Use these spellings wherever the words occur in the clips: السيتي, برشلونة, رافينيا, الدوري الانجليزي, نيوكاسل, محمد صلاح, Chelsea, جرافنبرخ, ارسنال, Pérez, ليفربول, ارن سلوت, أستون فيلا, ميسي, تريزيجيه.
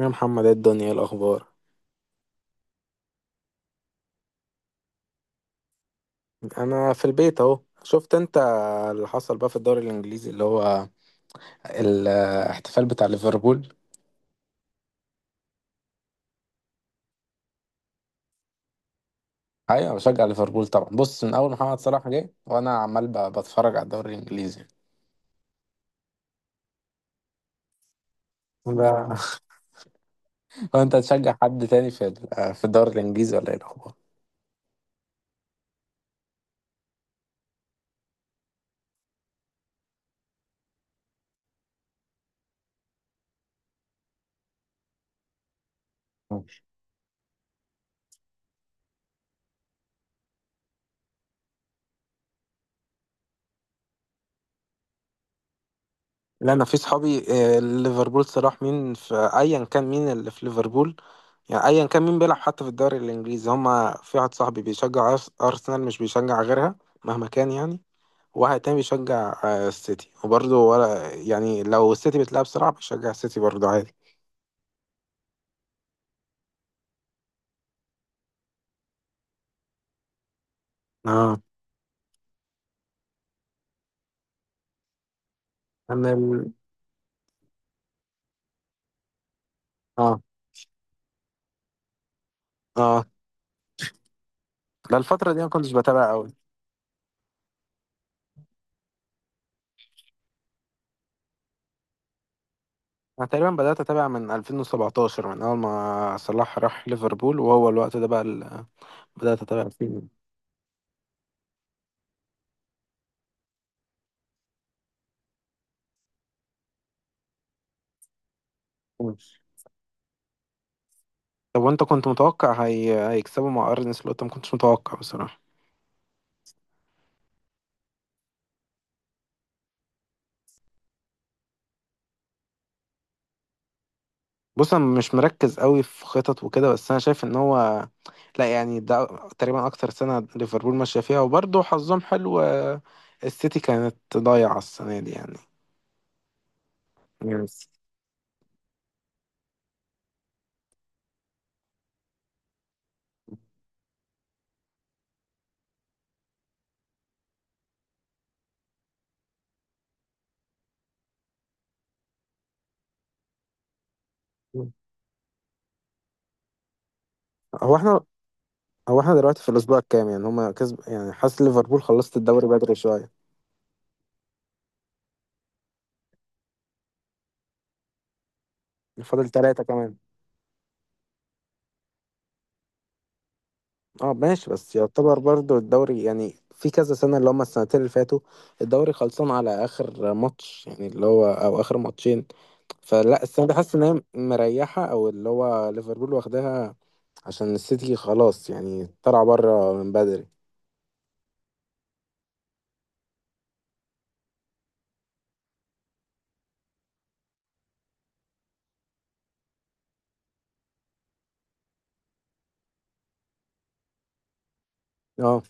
يا محمد، ايه الدنيا؟ إيه الاخبار؟ انا في البيت اهو. شفت انت اللي حصل بقى في الدوري الانجليزي اللي هو الاحتفال بتاع ليفربول؟ ايوه، بشجع ليفربول طبعا. بص، من اول محمد صلاح جه وانا عمال بتفرج على الدوري الانجليزي. ب- وانت تشجع حد تاني في في الدوري الانجليزي ولا ايه الاخبار؟ لا، انا في صحابي، ليفربول صلاح مين، في ايا كان مين اللي في ليفربول. يعني ايا كان مين بيلعب حتى في الدوري الانجليزي، هما في واحد صاحبي بيشجع ارسنال، مش بيشجع غيرها مهما كان يعني. وواحد تاني بيشجع السيتي، وبرضه ولا يعني لو السيتي بتلعب صلاح بيشجع السيتي برضه عادي. اه. انا ال... اه، اه، لا، الفترة دي ما كنتش بتابع قوي. انا تقريبا بدأت اتابع من 2017، من اول ما صلاح راح ليفربول، وهو الوقت ده بقى اللي بدأت اتابع فيه. طب وانت كنت متوقع هيكسبوا مع ارن سلوت؟ ما كنتش متوقع بصراحه. بص، انا مش مركز قوي في خطط وكده، بس انا شايف ان هو، لا يعني، ده تقريبا اكتر سنه ليفربول ماشيه فيها وبرضه حظهم حلو. السيتي كانت ضايعه السنه دي يعني. يس. هو احنا هو احنا دلوقتي في الاسبوع الكام يعني؟ هما كسب يعني، حاسس ليفربول خلصت الدوري بدري شويه. فاضل 3 كمان. اه ماشي، بس يعتبر برضو الدوري يعني في كذا سنة، اللي هما السنتين اللي فاتوا الدوري خلصان على آخر ماتش، يعني اللي هو أو آخر ماتشين. فلا، السنة دي حاسس إن هي مريحة، أو اللي هو ليفربول واخداها عشان السيتي خلاص يعني طلع بره من بدري. اه،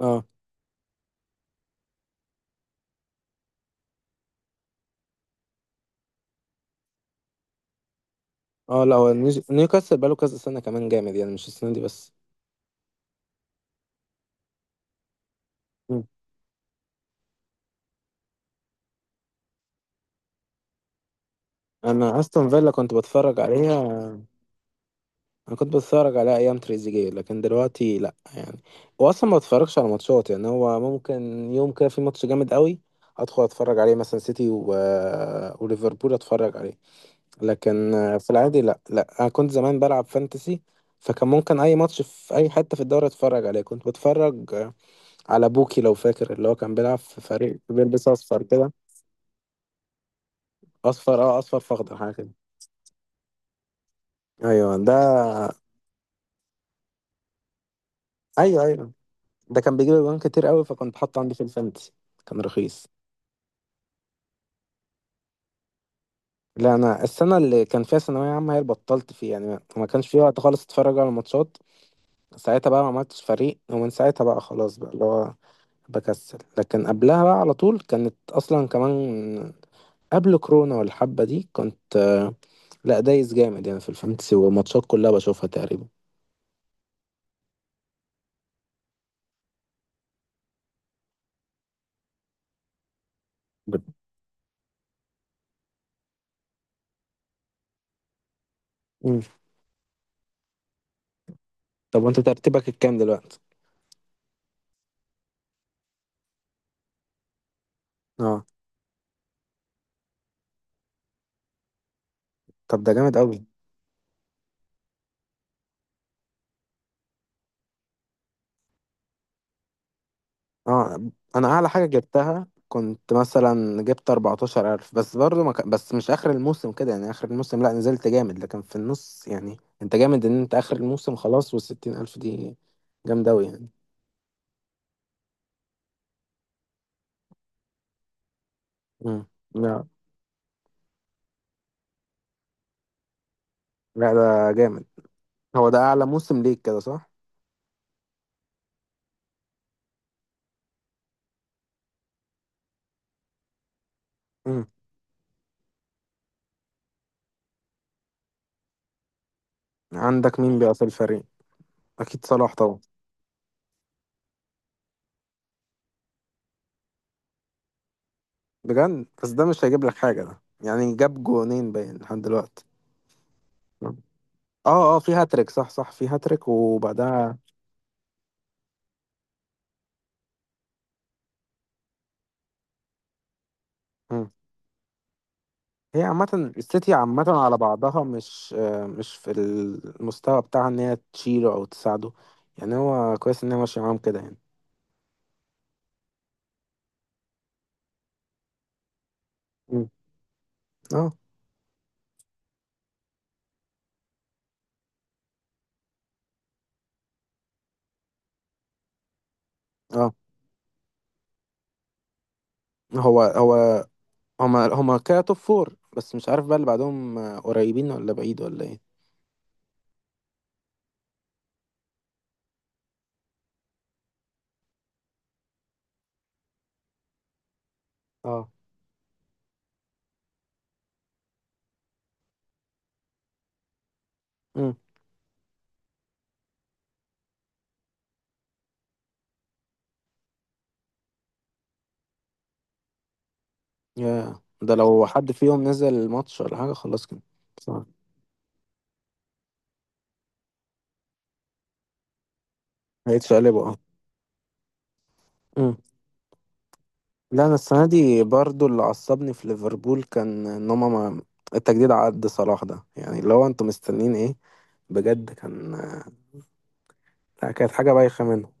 اه، اه، لا هو نيوكاسل بقاله كذا سنة كمان جامد يعني، مش السنة دي بس. مم. أنا أستون فيلا كنت بتفرج عليها، انا كنت بتفرج على ايام تريزيجيه، لكن دلوقتي لا يعني. واصلا ما بتفرجش على ماتشات. يعني هو ممكن يوم كده في ماتش جامد قوي ادخل اتفرج عليه، مثلا سيتي وليفربول اتفرج عليه. لكن في العادي لا، لا، انا كنت زمان بلعب فانتسي، فكان ممكن اي ماتش في اي حته في الدوري اتفرج عليه، كنت بتفرج على بوكي لو فاكر، اللي هو كان بيلعب في فريق بيلبس اصفر كده. اصفر، اه، اصفر في اخضر حاجه كده. ايوه ده. ايوه، ايوه، ده كان بيجيب اجوان كتير قوي، فكنت حاطه عندي في الفانتسي. كان رخيص. لا، انا السنه اللي كان فيها ثانويه عامه هي اللي بطلت فيها يعني، ما كانش في وقت خالص اتفرج على الماتشات. ساعتها بقى ما عملتش فريق، ومن ساعتها بقى خلاص بقى اللي هو بكسل. لكن قبلها بقى على طول كانت اصلا كمان قبل كورونا والحبه دي كنت، لا دايس جامد يعني في الفانتسي والماتشات كلها بشوفها تقريبا. بت- مم. طب وانت ترتيبك الكام دلوقتي؟ اه، طب ده جامد قوي. اه، انا اعلى حاجه جبتها كنت مثلا جبت 14000، بس برضو ما ك... بس مش اخر الموسم كده يعني، اخر الموسم لا نزلت جامد لكن في النص. يعني انت جامد ان انت اخر الموسم خلاص، وال60000 دي جامده قوي يعني. مم. لا، لا، ده جامد. هو ده اعلى موسم ليك كده، صح؟ مم. عندك مين بقى في الفريق؟ اكيد صلاح طبعا. بجد؟ بس ده مش هيجيب لك حاجه، ده يعني جاب جونين باين لحد دلوقتي. مم. اه، اه، في هاتريك. صح، صح، في هاتريك وبعدها... هي عامة، السيتي عامة على بعضها مش، مش في المستوى بتاعها ان هي تشيله او تساعده. يعني هو كويس ان هي ماشية معاهم كده يعني. مم. اه، اه، هو هما كده توب فور، بس مش عارف بقى اللي بعدهم، قريبين ولا بعيد ولا ايه؟ اه. امم. يا ده لو حد فيهم نزل الماتش ولا حاجة خلاص كده. صح، هيتشقلبوا. اه، لا انا السنه دي برضو اللي عصبني في ليفربول كان ان هما ما التجديد عقد صلاح ده، يعني اللي هو انتوا مستنيين ايه بجد؟ كان، لا، كانت حاجه بايخه منه.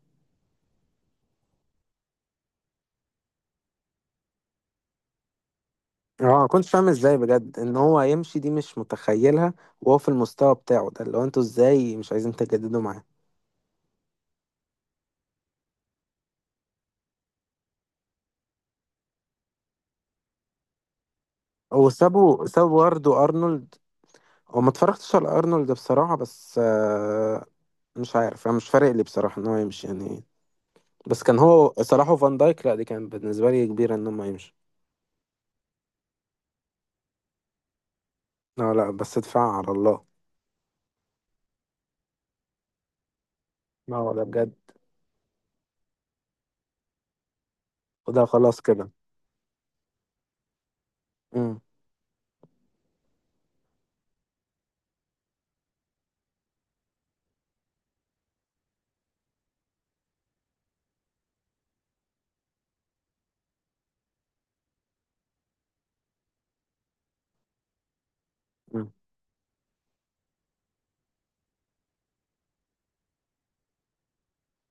اه، ما كنتش فاهم ازاي بجد ان هو يمشي، دي مش متخيلها. وهو في المستوى بتاعه ده، اللي هو انتوا ازاي مش عايزين تجددوا معاه؟ وسابوا برضه ارنولد. هو ما اتفرجتش على ارنولد بصراحه، بس مش عارف، انا مش فارق لي بصراحه ان هو يمشي يعني. بس كان هو صلاح وفان دايك، لا دي كان بالنسبه لي كبيره ان هم يمشوا. لا، لا، بس ادفع على الله. ما هو ده بجد. وده خلاص كده. امم. أمم.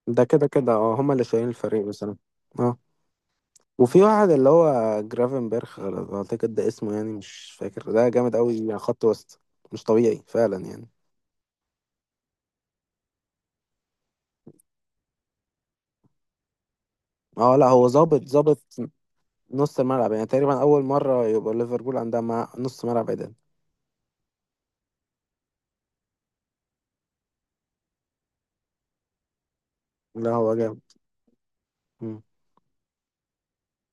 ده كده كده، اه، هما اللي شايلين الفريق بصراحة. اه، وفي واحد اللي هو جرافنبرخ اعتقد ده اسمه، يعني مش فاكر، ده جامد قوي يعني، خط وسط. مش طبيعي فعلا يعني. اه، لا هو ظابط، ظابط نص الملعب يعني. تقريبا اول مرة يبقى ليفربول عندها مع نص ملعب عدل. لا هو جامد. أمم.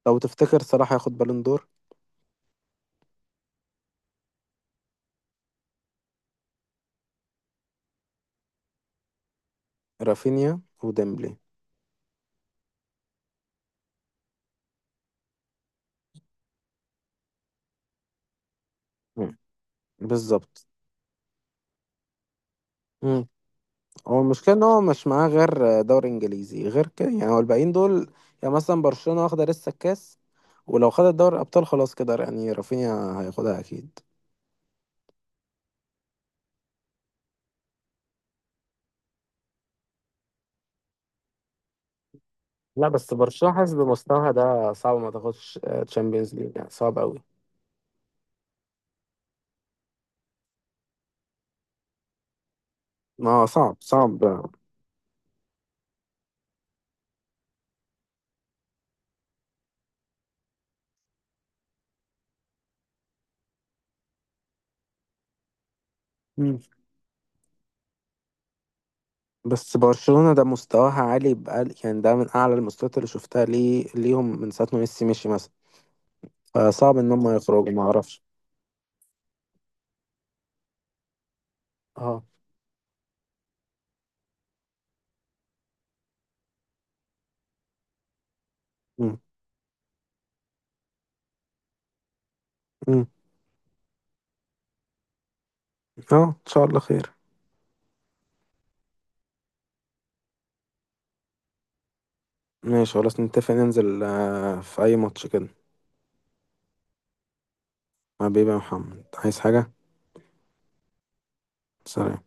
لو تفتكر صلاح هياخد بالون دور؟ رافينيا وديمبلي. أمم. بالظبط. هو المشكلة ان هو مش معاه غير دوري انجليزي غير كده يعني، هو الباقيين دول. يعني مثلا برشلونة واخدة لسه الكاس، ولو خدت دوري الابطال خلاص كده يعني رافينيا هياخدها اكيد. لا بس برشلونة حاسس بمستواها ده صعب ما تاخدش تشامبيونز ليج يعني، صعب قوي. ما هو صعب، صعب. مم. بس برشلونة ده مستواها عالي بقال، يعني ده من اعلى المستويات اللي شفتها ليهم من ساعة ما ميسي مشي مثلا. فصعب ان هم يخرجوا، ما اعرفش. اه. مم. مم. اه، ان شاء الله خير. ماشي، خلاص نتفق ننزل في أي ماتش كده. حبيبي يا محمد، عايز حاجة؟ سلام.